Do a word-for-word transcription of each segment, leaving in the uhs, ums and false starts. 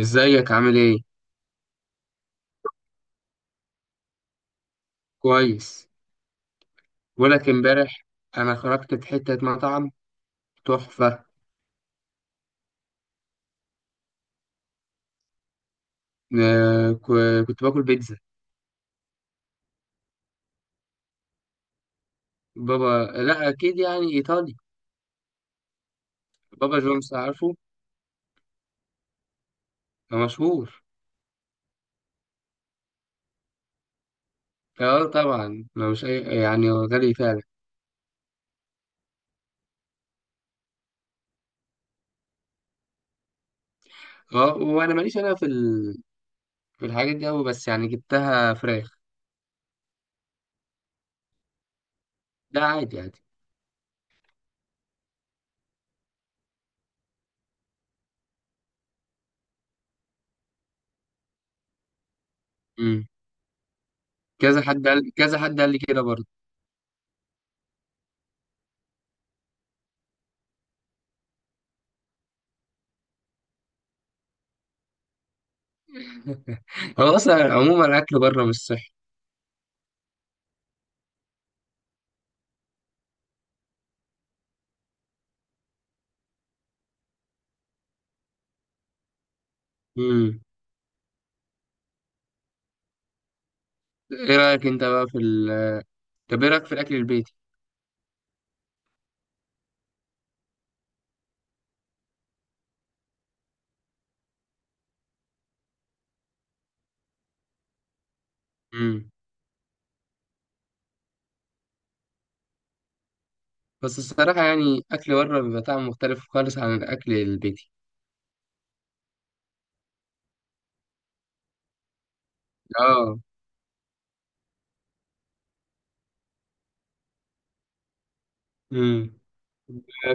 ازيك؟ عامل ايه؟ كويس. بقولك امبارح انا خرجت في حته مطعم تحفه. آه، كو- كنت باكل بيتزا. بابا، لا اكيد يعني ايطالي. بابا جونز، عارفه؟ ده مشهور. اه، طبعا لو مش اي، يعني هو غالي فعلا. اه، وانا ماليش، انا في ال... في الحاجات دي قوي، بس يعني جبتها فراخ. ده عادي عادي. امم. كذا حد قال كذا حد قال لي كده برضه. هو اصلا عموما الاكل بره مش صحي. امم. ايه رايك انت بقى في ال... طب ايه رايك في الاكل البيتي؟ امم. بس الصراحة، يعني أكل بره بيبقى طعمه مختلف خالص عن الأكل البيتي. اه. امم.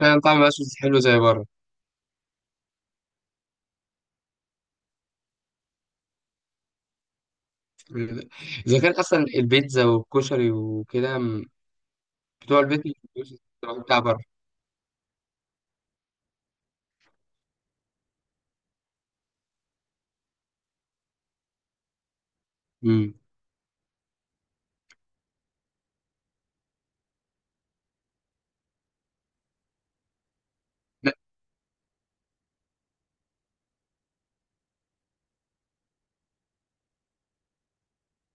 فعلا طعمه مبقاش حلو زي بره. إذا كان أصلا البيتزا والكشري وكده، م- بتوع البيت مش بيبقوش زي بتاع بره. امم. لا،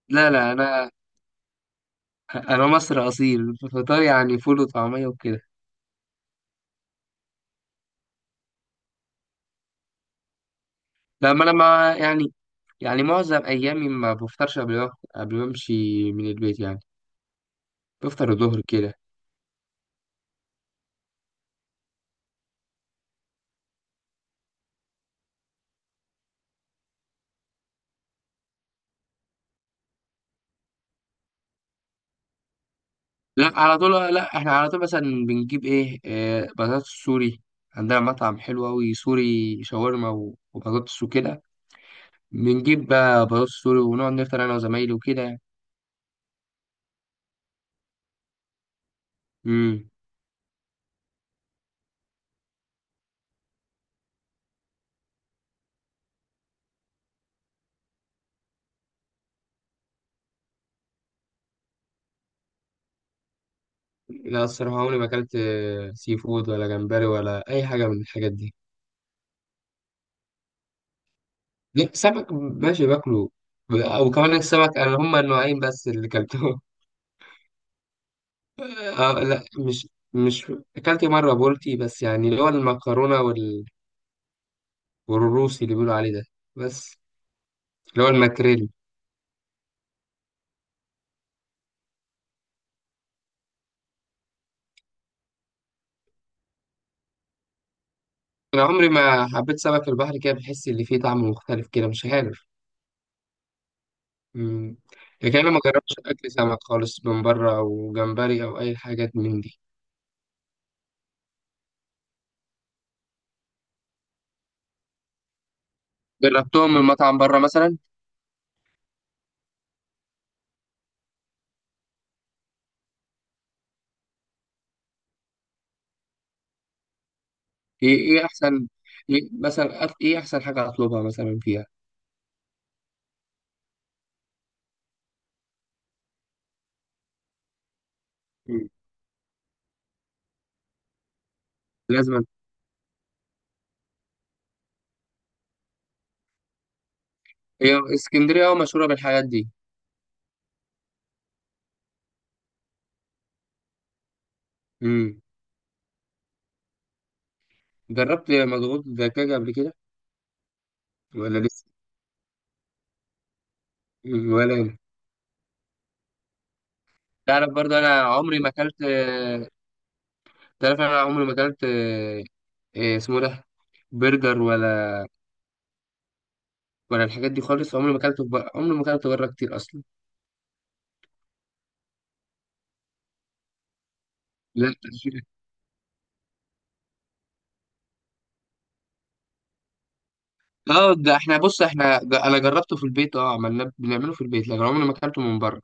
لا، لا، أنا أنا مصري أصيل، فطار يعني فول وطعمية وكده. لما أنا ما يعني يعني معظم أيامي ما بفطرش قبل ما- قبل ما أمشي من البيت، يعني بفطر الظهر كده. لا على طول لا، احنا على طول مثلا بنجيب ايه, إيه، بطاطس سوري. عندنا مطعم حلو أوي سوري شاورما و- وبطاطس وكده. بنجيب بقى بطاطس سوري ونقعد نفطر أنا وزمايلي وكده. امم. لا، الصراحة عمري ما أكلت آه، سي فود ولا جمبري ولا أي حاجة من الحاجات دي. لا، سمك ماشي باكله. ب- وكمان السمك، أنا هما النوعين بس اللي أكلتهم. آه، لا، مش مش. أكلت مرة بولتي، بس يعني اللي هو المكرونة وال... والروسي اللي بيقولوا عليه ده، بس اللي هو الماكريل. انا عمري ما حبيت سمك البحر، كده بحس اللي فيه طعم مختلف كده، مش عارف. امم. لكن انا ما جربتش اكل سمك خالص من بره، او جمبري، او اي حاجات من دي. جربتهم من مطعم بره مثلا؟ ايه ايه احسن إيه مثلا أك- ايه احسن حاجه اطلبها مثلا فيها؟ مم. لازما. هي اسكندريه اه مشهوره بالحاجات دي. امم. جربت مضغوط دجاج قبل كده ولا لسه؟ مم، ولا أنا. تعرف برضه انا عمري ما اكلت تعرف انا عمري ما اكلت آه، إيه اسمه ده، برجر ولا... وانا الحاجات دي خالص، عمري ما اكلته بره عمري ما اكلته بره كتير اصلا. لا تأشيرة. اه، ده احنا بص احنا ده انا جربته في البيت، اه عملناه بنعمله في البيت، لكن عمري ما اكلته من بره.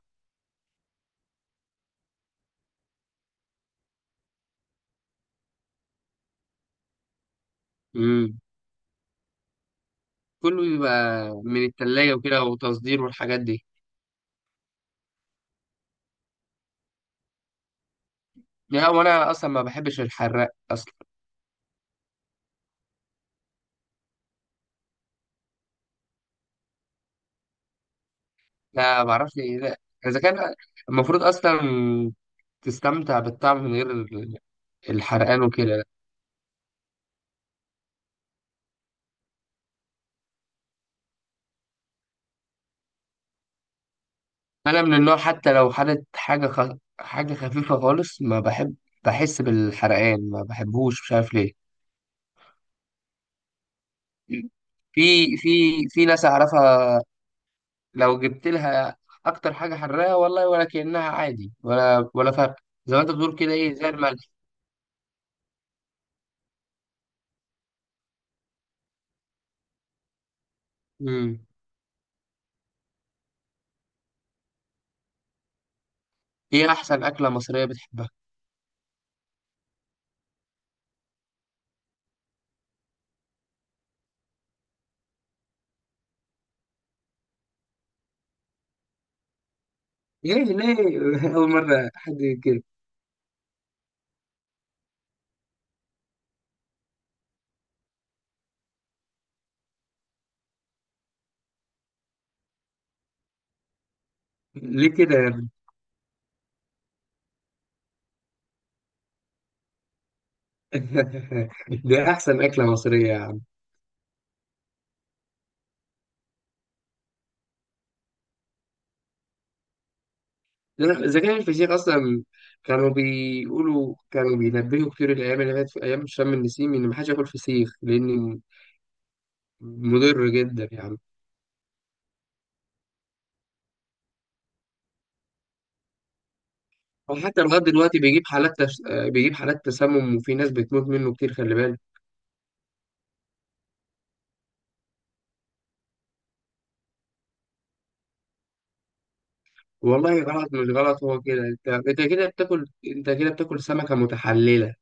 امم. كله بيبقى من التلاجة وكده وتصدير والحاجات دي. لا، وانا اصلا ما بحبش الحراق اصلا. لا، ما اعرفش إيه ده. اذا كان المفروض اصلا تستمتع بالطعم من غير ال- الحرقان وكده. انا من النوع، حتى لو حدت حاجه خ... حاجه خفيفه خالص ما بحب، بحس بالحرقان ما بحبوش، مش عارف ليه. في في في ناس اعرفها، لو جبت لها اكتر حاجه حراقه والله ولا كانها عادي، ولا ولا فرق. زي ما انت بتقول كده، ايه، زي الملح. امم. ايه احسن اكله مصريه بتحبها؟ ليه؟ ليه؟ اول مره حد يقول كده. ليه كده يعني؟ دي احسن اكله مصريه؟ لأن الذكاء الفشيخ أصلا، كانوا بيقولوا كانوا بينبهوا كتير الأيام اللي فاتت في أيام شم النسيم، إن محدش ياكل فسيخ، لأن مضر جدا يعني. وحتى لغاية دلوقتي، بيجيب حالات تس... آه، بيجيب حالات تسمم، وفي ناس بتموت منه كتير، خلي بالك. والله، غلط مش غلط، هو كده. أنت أنت كده بتاكل، أنت كده بتاكل سمكة متحللة.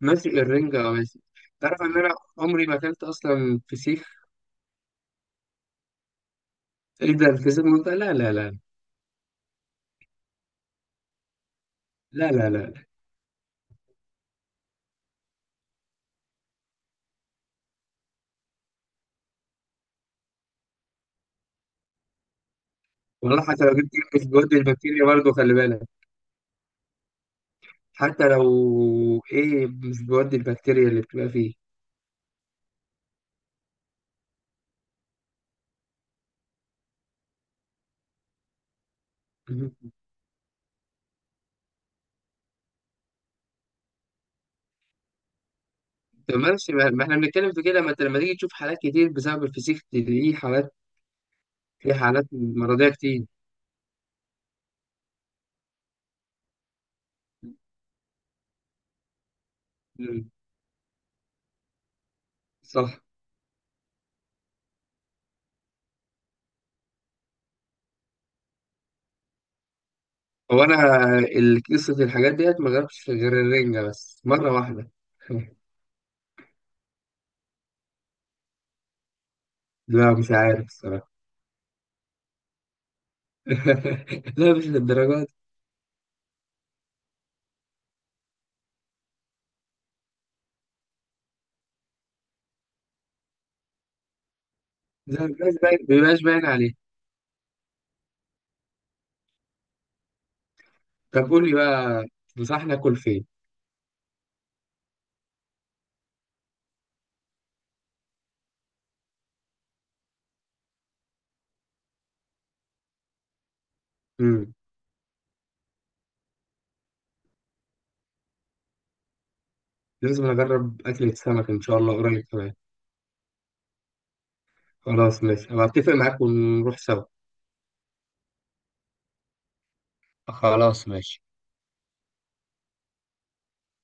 ماشي الرنجة، آه، ماشي. تعرف إن أنا عمري ما أكلت أصلا فسيخ؟ إيه ده، الفسيخ مضر؟ لا، لا، لا، لا، لا، لا، لا. والله حتى لو جبت كلمة في جود البكتيريا، برضه خلي بالك. حتى لو، ايه، مش بيودي البكتيريا اللي بتبقى فيه؟ مهم. طب ماشي، ما ما احنا بنتكلم في كده، ما انت لما تيجي تشوف حالات كتير بسبب الفسيخ، تلاقيه حالات، في حالات مرضية كتير. مم. صح. هو انا، ال- قصة الحاجات ديت ما جربتش غير الرنجة بس مرة واحدة. لا، مش عارف الصراحة. لا، مش للدرجات. لا، مبيبقاش باين مبيبقاش باين عليه. طب قول لي بقى، تنصحني اكل فين؟ مم. لازم اجرب اكلة سمك ان شاء الله قريب كمان. خلاص ماشي، هبقى اتفق معاك ونروح سوا. خلاص ماشي.